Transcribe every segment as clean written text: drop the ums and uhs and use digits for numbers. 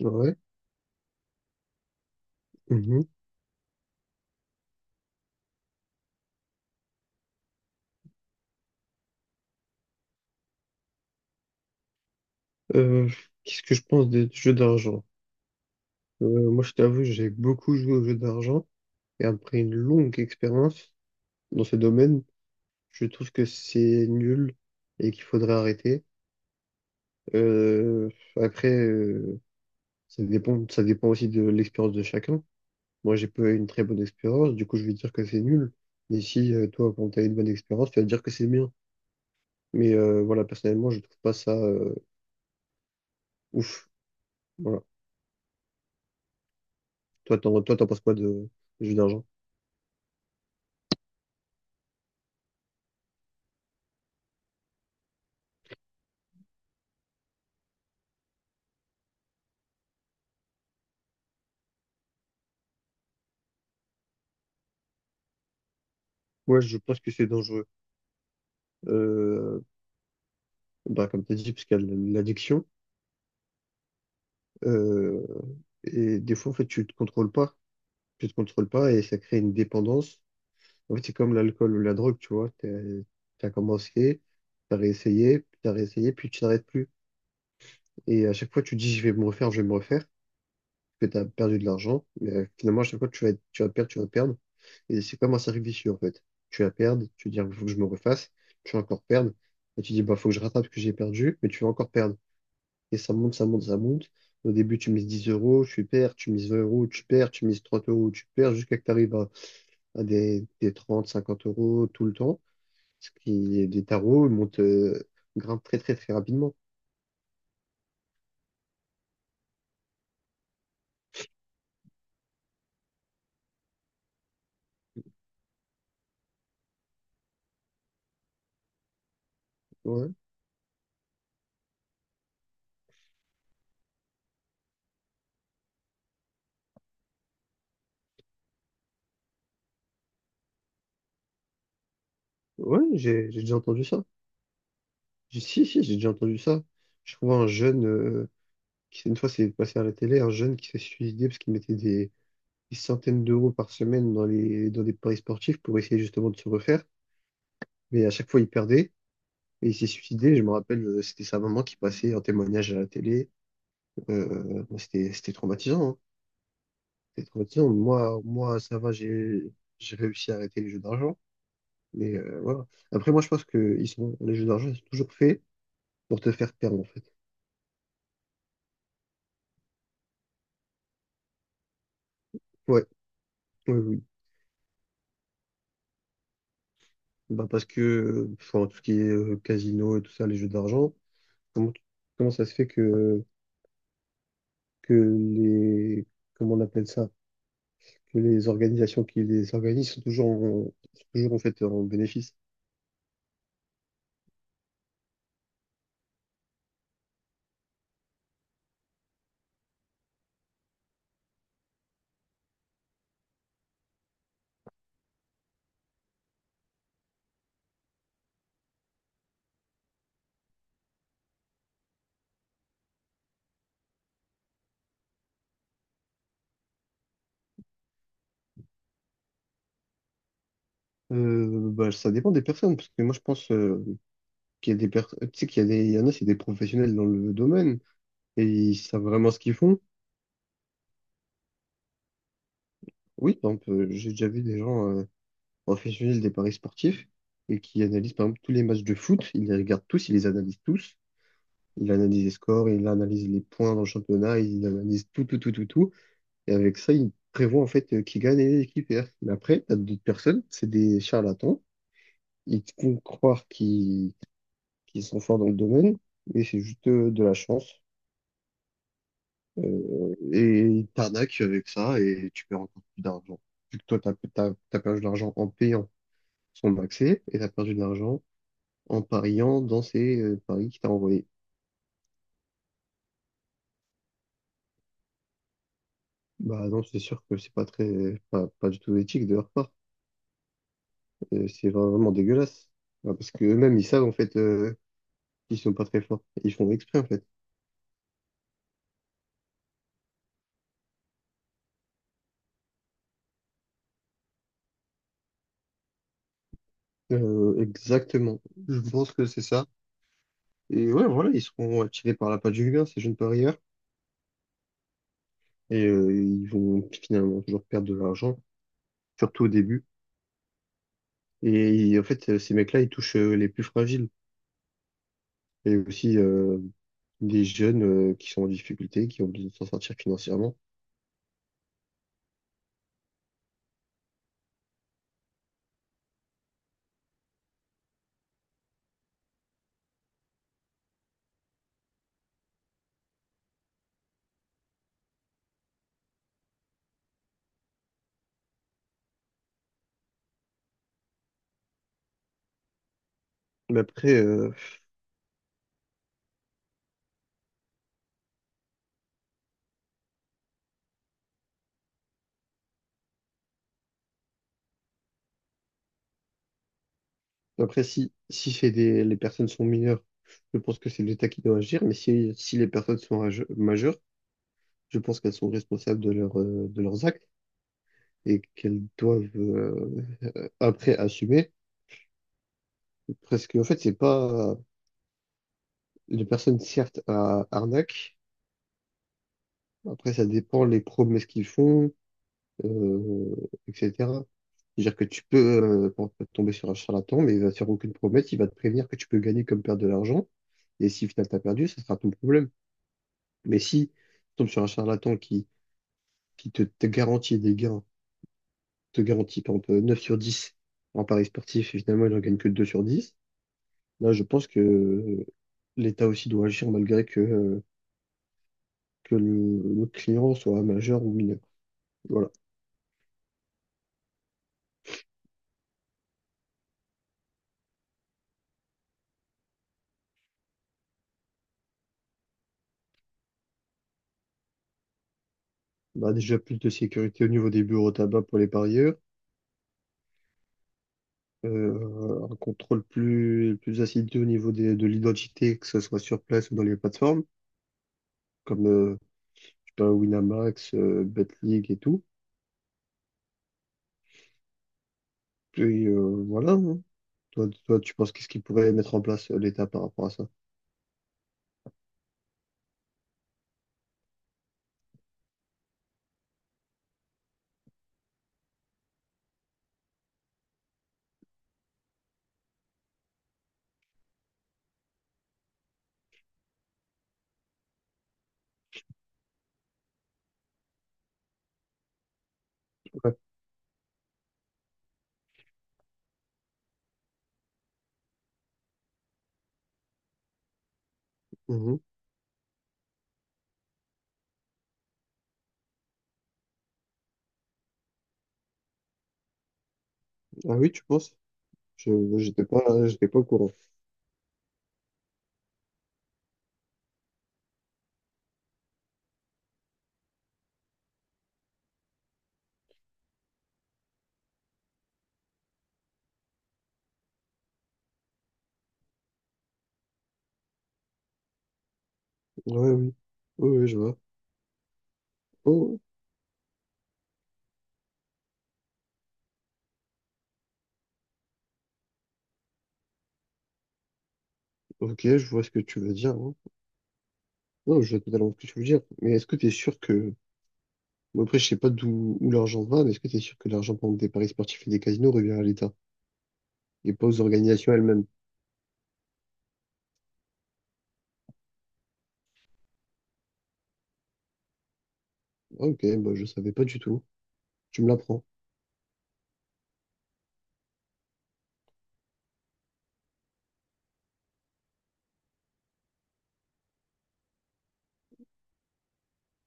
Ouais. Mhm. Euh, Qu'est-ce que je pense des jeux d'argent? Moi, je t'avoue, j'ai beaucoup joué aux jeux d'argent et après une longue expérience dans ce domaine, je trouve que c'est nul et qu'il faudrait arrêter. Euh, après, ça dépend aussi de l'expérience de chacun. Moi, j'ai pas eu une très bonne expérience, du coup, je vais dire que c'est nul. Mais si toi, quand tu as une bonne expérience, tu vas dire que c'est bien. Mais voilà, personnellement, je trouve pas ça ouf. Voilà. Toi, t'en penses quoi de, des jeux d'argent? Ouais, je pense que c'est dangereux. Euh, Bah, comme tu as dit, parce qu'il y a l'addiction. euh, et des fois, en fait, tu te contrôles pas. Tu te contrôles pas et ça crée une dépendance. En fait, c'est comme l'alcool ou la drogue, tu vois. Tu as commencé, tu as réessayé, puis tu as réessayé, puis tu t'arrêtes plus. Et à chaque fois, tu dis, je vais me refaire, je vais me refaire, parce que tu as perdu de l'argent. Mais finalement, à chaque fois, tu vas perdre, tu vas perdre. Et c'est comme un cercle vicieux, en fait. Tu vas perdre, tu dis, il faut que je me refasse, tu vas encore perdre. Et tu dis, bah, faut que je rattrape ce que j'ai perdu, mais tu vas encore perdre. Et ça monte, ça monte, ça monte. Au début, tu mises 10 euros, tu perds, tu mises 20 euros, tu perds, tu mises 30 euros, tu perds, jusqu'à que tu arrives à des 30, 50 euros tout le temps. Ce qui, les tarots, ils grimpent très, très, très rapidement. Ouais, j'ai déjà entendu ça. Si, si, j'ai déjà entendu ça. Je trouve un jeune, qui, une fois, c'est passé à la télé, un jeune qui s'est suicidé parce qu'il mettait des centaines d'euros par semaine dans des paris sportifs pour essayer justement de se refaire. Mais à chaque fois, il perdait. Et il s'est suicidé, je me rappelle, c'était sa maman qui passait en témoignage à la télé. Bah, c'était traumatisant, hein. C'était traumatisant. Moi, ça va, j'ai réussi à arrêter les jeux d'argent. Mais voilà. Après, moi, je pense que les jeux d'argent, ils sont toujours faits pour te faire perdre, en fait. Ouais, oui, oui. Bah, parce que, enfin, tout ce qui est casino et tout ça, les jeux d'argent, comment, comment ça se fait que les, comment on appelle ça, que les organisations qui les organisent sont toujours sont toujours, en fait, en bénéfice? Bah, ça dépend des personnes, parce que moi je pense qu'il y a des personnes, tu sais qu'il y a des, il y en a, c'est des professionnels dans le domaine et ils savent vraiment ce qu'ils font. Oui, par exemple, j'ai déjà vu des gens professionnels des paris sportifs et qui analysent par exemple tous les matchs de foot, ils les regardent tous, ils les analysent tous, ils analysent les scores, ils analysent les points dans le championnat, ils analysent tout, tout, tout, tout, tout, et avec ça, ils prévoient en fait qui gagne et qui perd. Mais après, t'as d'autres personnes, c'est des charlatans, ils te font croire qu'ils qui sont forts dans le domaine, mais c'est juste de la chance. Et ils t'arnaquent avec ça et tu perds encore plus d'argent. Vu que toi, t'as perdu de l'argent en payant son accès et t'as perdu de l'argent en pariant dans ces paris qu'il t'a envoyés. Bah non, c'est sûr que c'est pas très, pas, pas du tout éthique de leur part. C'est vraiment dégueulasse. Ouais, parce que eux-mêmes, ils savent en fait qu'ils sont pas très forts. Ils font exprès en fait. Exactement. Je pense que c'est ça. Et ouais, voilà, ils seront attirés par l'appât du gain, ces jeunes parieurs. Et ils vont finalement toujours perdre de l'argent, surtout au début. Et en fait, ces mecs-là, ils touchent les plus fragiles et aussi des jeunes qui sont en difficulté, qui ont besoin de s'en sortir financièrement. Mais après, euh, après si, si c'est des, les personnes sont mineures, je pense que c'est l'État qui doit agir. Mais si, si les personnes sont majeures, je pense qu'elles sont responsables de, leur, de leurs actes et qu'elles doivent après assumer. Parce qu'en fait, c'est pas... Les personnes, certes, à arnaque. Après, ça dépend les promesses qu'ils font, euh, etc. C'est-à-dire que tu peux tomber sur un charlatan, mais il va te faire aucune promesse, il va te prévenir que tu peux gagner comme perdre de l'argent. Et si finalement t'as perdu, ça sera ton problème. Mais si tu tombes sur un charlatan qui, te garantit des gains, te garantit par exemple 9 sur 10 en paris sportif, et finalement il n'en gagne que 2 sur 10, là je pense que l'État aussi doit agir malgré que le client soit majeur ou mineur. Voilà. Bah, déjà plus de sécurité au niveau des bureaux à tabac pour les parieurs, un contrôle plus assidu au niveau de l'identité, que ce soit sur place ou dans les plateformes, comme je sais pas, Winamax, Betclic et tout. Puis voilà. Hein. Toi, tu penses qu'est-ce qu'il pourrait mettre en place l'État par rapport à ça? Ouais. Ah oui, tu penses? Je, j'étais pas au courant. Ouais, oui. Oui, oui, je vois. Oh, ok, je vois ce que tu veux dire. Hein. Non, je vois totalement ce que tu veux dire. Mais est-ce que tu es sûr que... Bon, après, je sais pas d'où où l'argent va, mais est-ce que tu es sûr que l'argent pour des paris sportifs et des casinos revient à l'État et pas aux organisations elles-mêmes? Ah, ok, bah, je savais pas du tout. Tu me l'apprends.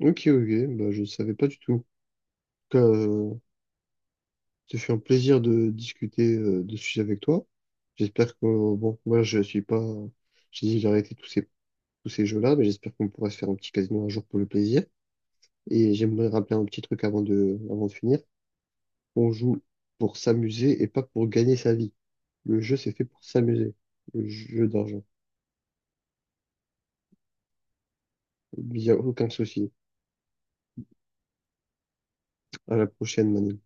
Ok, ok, bah, je savais pas du tout. En tout cas, ce fut un plaisir de discuter de ce sujet avec toi. J'espère que, bon, moi, je suis pas... J'ai dit, j'ai arrêté tous ces jeux-là. Mais j'espère qu'on pourra se faire un petit casino un jour pour le plaisir. Et j'aimerais rappeler un petit truc avant avant de finir. On joue pour s'amuser et pas pour gagner sa vie. Le jeu, c'est fait pour s'amuser. Le jeu d'argent. Il n'y a aucun souci. À la prochaine, Manu.